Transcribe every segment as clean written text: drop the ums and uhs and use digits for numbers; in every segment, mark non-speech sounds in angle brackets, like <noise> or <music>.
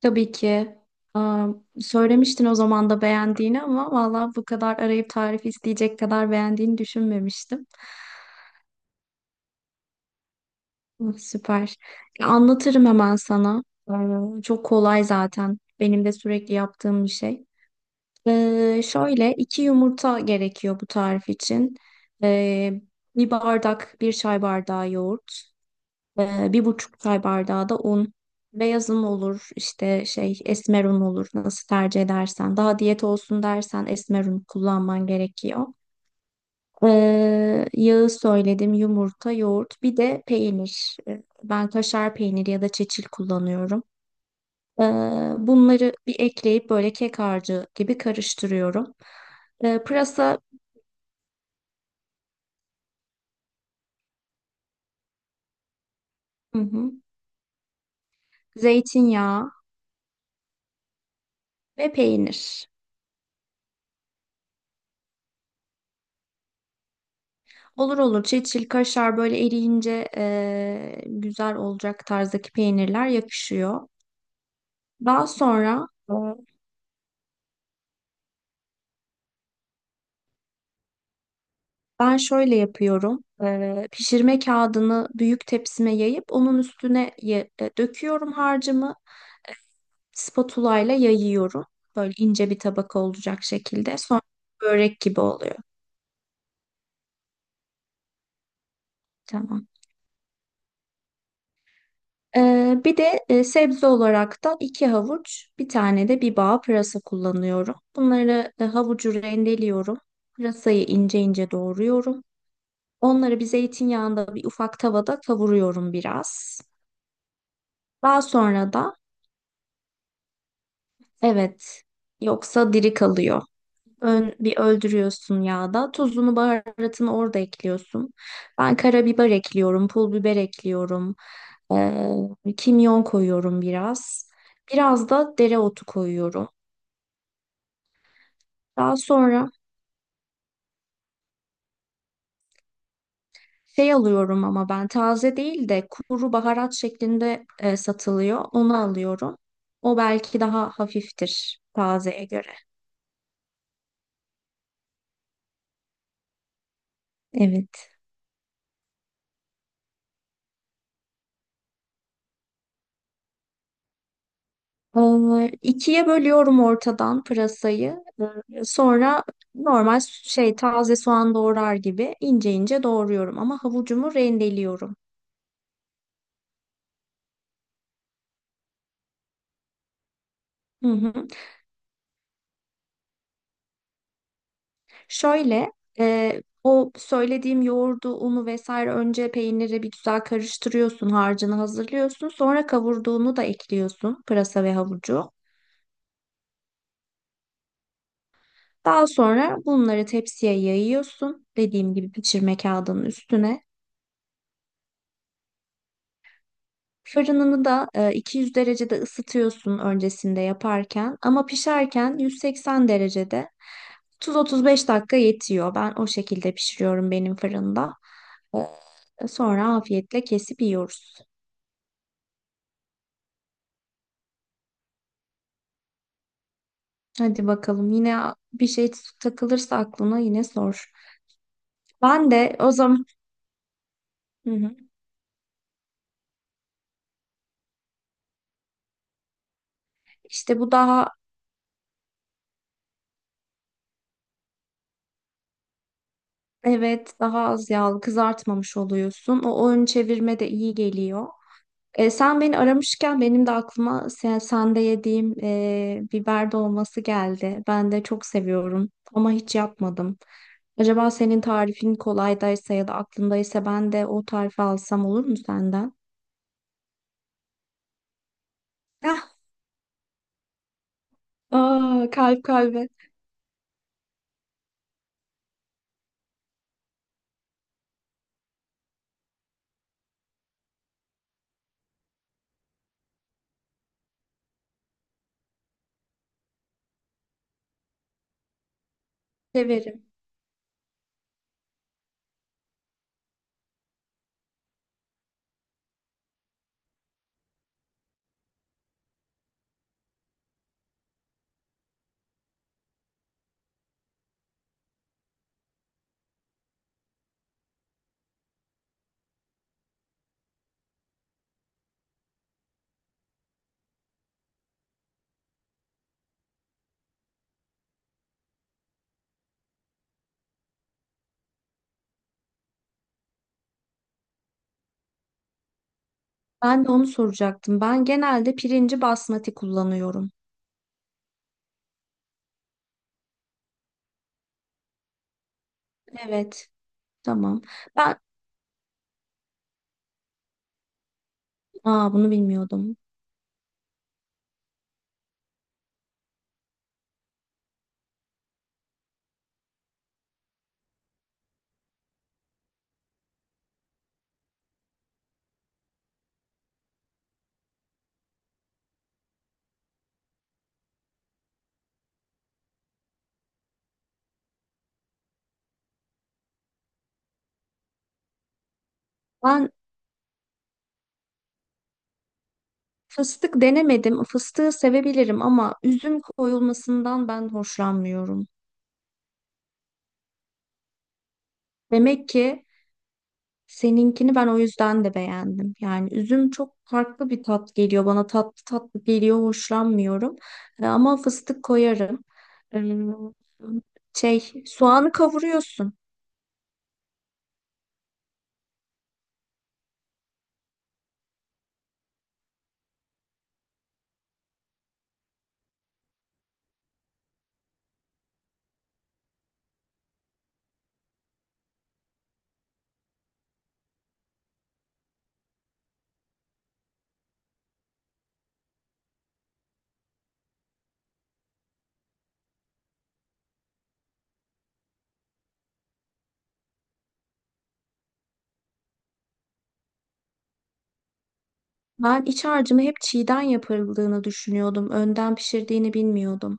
Tabii ki. Aa, Söylemiştin o zaman da beğendiğini ama valla bu kadar arayıp tarif isteyecek kadar beğendiğini düşünmemiştim. Hı, süper. Ya, anlatırım hemen sana. Çok kolay zaten. Benim de sürekli yaptığım bir şey. Şöyle iki yumurta gerekiyor bu tarif için. Ee, Bir bardak, bir çay bardağı yoğurt. Bir buçuk çay bardağı da un. Beyaz un olur, işte şey esmer un olur. Nasıl tercih edersen. Daha diyet olsun dersen esmer un kullanman gerekiyor. Yağı söyledim, yumurta, yoğurt, bir de peynir. Ben kaşar peyniri ya da çeçil kullanıyorum. Ee, Bunları bir ekleyip böyle kek harcı gibi karıştırıyorum. Pırasa, hı hı, zeytinyağı ve peynir. Olur olur. Çil çil kaşar böyle eriyince güzel olacak tarzdaki peynirler yakışıyor. Daha sonra ben şöyle yapıyorum. Pişirme kağıdını büyük tepsime yayıp onun üstüne döküyorum harcımı. Spatula ile yayıyorum. Böyle ince bir tabaka olacak şekilde. Sonra börek gibi oluyor. Tamam. Bir de sebze olarak da iki havuç, bir tane de bir bağ pırasa kullanıyorum. Bunları havucu rendeliyorum. Pırasayı ince ince doğruyorum. Onları bir zeytinyağında bir ufak tavada kavuruyorum biraz. Daha sonra da evet yoksa diri kalıyor. Ön, bir öldürüyorsun yağda. Tuzunu, baharatını orada ekliyorsun. Ben karabiber ekliyorum, pul biber ekliyorum. Kimyon koyuyorum biraz. Biraz da dereotu koyuyorum. Daha sonra şey alıyorum ama ben taze değil de kuru baharat şeklinde satılıyor. Onu alıyorum. O belki daha hafiftir tazeye göre. Evet. İkiye bölüyorum ortadan pırasayı. Sonra normal şey taze soğan doğrar gibi ince ince doğruyorum ama havucumu rendeliyorum. Hı hı. Şöyle e, o söylediğim yoğurdu, unu vesaire önce peyniri bir güzel karıştırıyorsun, harcını hazırlıyorsun. Sonra kavurduğunu da ekliyorsun pırasa ve havucu. Daha sonra bunları tepsiye yayıyorsun. Dediğim gibi pişirme kağıdının üstüne. Fırınını da 200 derecede ısıtıyorsun öncesinde yaparken ama pişerken 180 derecede 30-35 dakika yetiyor. Ben o şekilde pişiriyorum benim fırında. Sonra afiyetle kesip yiyoruz. Hadi bakalım yine bir şey takılırsa aklına yine sor. Ben de o zaman hı hı. işte bu daha evet daha az yağlı kızartmamış oluyorsun. O ön çevirme de iyi geliyor. E, sen beni aramışken benim de aklıma sen, sende yediğim biber dolması geldi. Ben de çok seviyorum ama hiç yapmadım. Acaba senin tarifin kolaydaysa ya da aklındaysa ben de o tarifi alsam olur mu senden? Ah, aa, kalp kalbe severim. Ben de onu soracaktım. Ben genelde pirinci basmati kullanıyorum. Evet, tamam. Ben aa, bunu bilmiyordum. Ben fıstık denemedim. Fıstığı sevebilirim ama üzüm koyulmasından ben hoşlanmıyorum. Demek ki seninkini ben o yüzden de beğendim. Yani üzüm çok farklı bir tat geliyor bana. Tatlı tatlı geliyor, hoşlanmıyorum. Ama fıstık koyarım. Ee, Şey, soğanı kavuruyorsun. Ben iç harcımı hep çiğden yapıldığını düşünüyordum. Önden pişirdiğini bilmiyordum.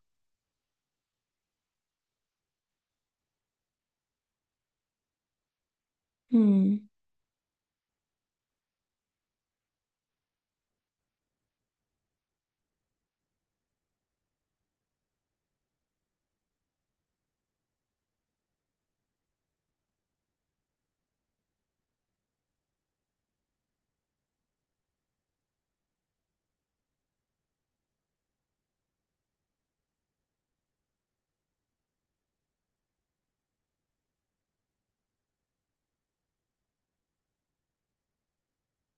Hmm,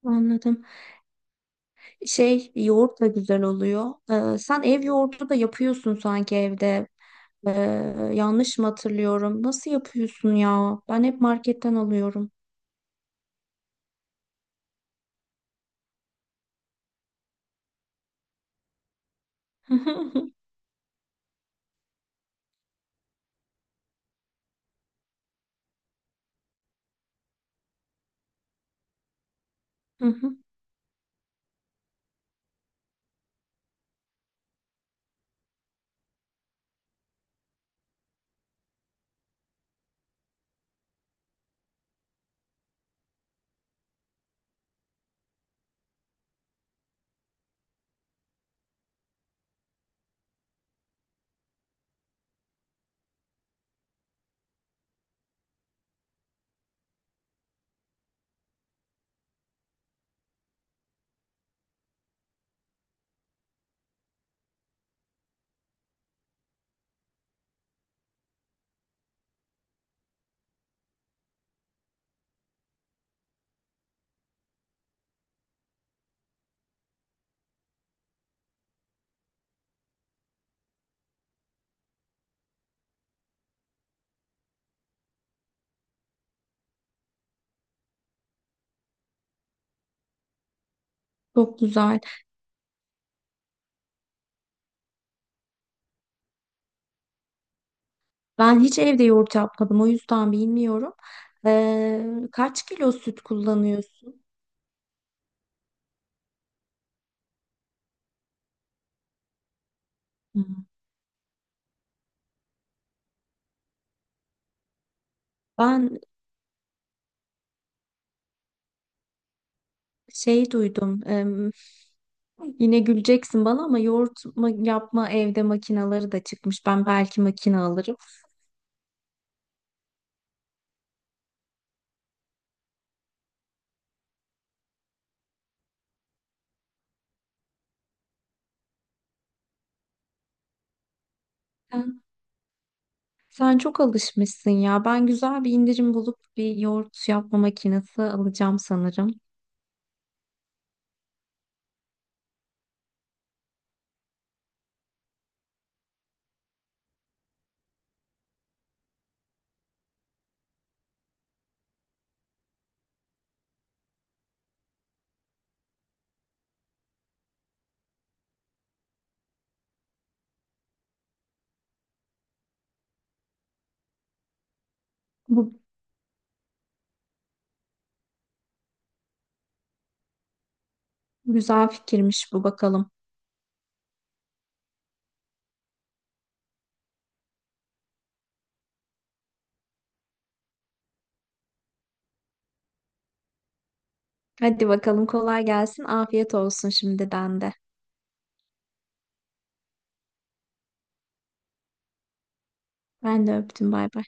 anladım. Şey yoğurt da güzel oluyor. Sen ev yoğurdu da yapıyorsun sanki evde. Ee, Yanlış mı hatırlıyorum? Nasıl yapıyorsun ya? Ben hep marketten alıyorum. <laughs> Hı hı, çok güzel. Ben hiç evde yoğurt yapmadım. O yüzden bilmiyorum. Ee, Kaç kilo süt kullanıyorsun? Hmm. Ben şey duydum. Yine güleceksin bana ama yoğurt ma- yapma evde makinaları da çıkmış. Ben belki makine alırım. Sen çok alışmışsın ya. Ben güzel bir indirim bulup bir yoğurt yapma makinesi alacağım sanırım. Bu güzel fikirmiş bu bakalım. Hadi bakalım kolay gelsin. Afiyet olsun şimdiden de. Ben de öptüm bay bay.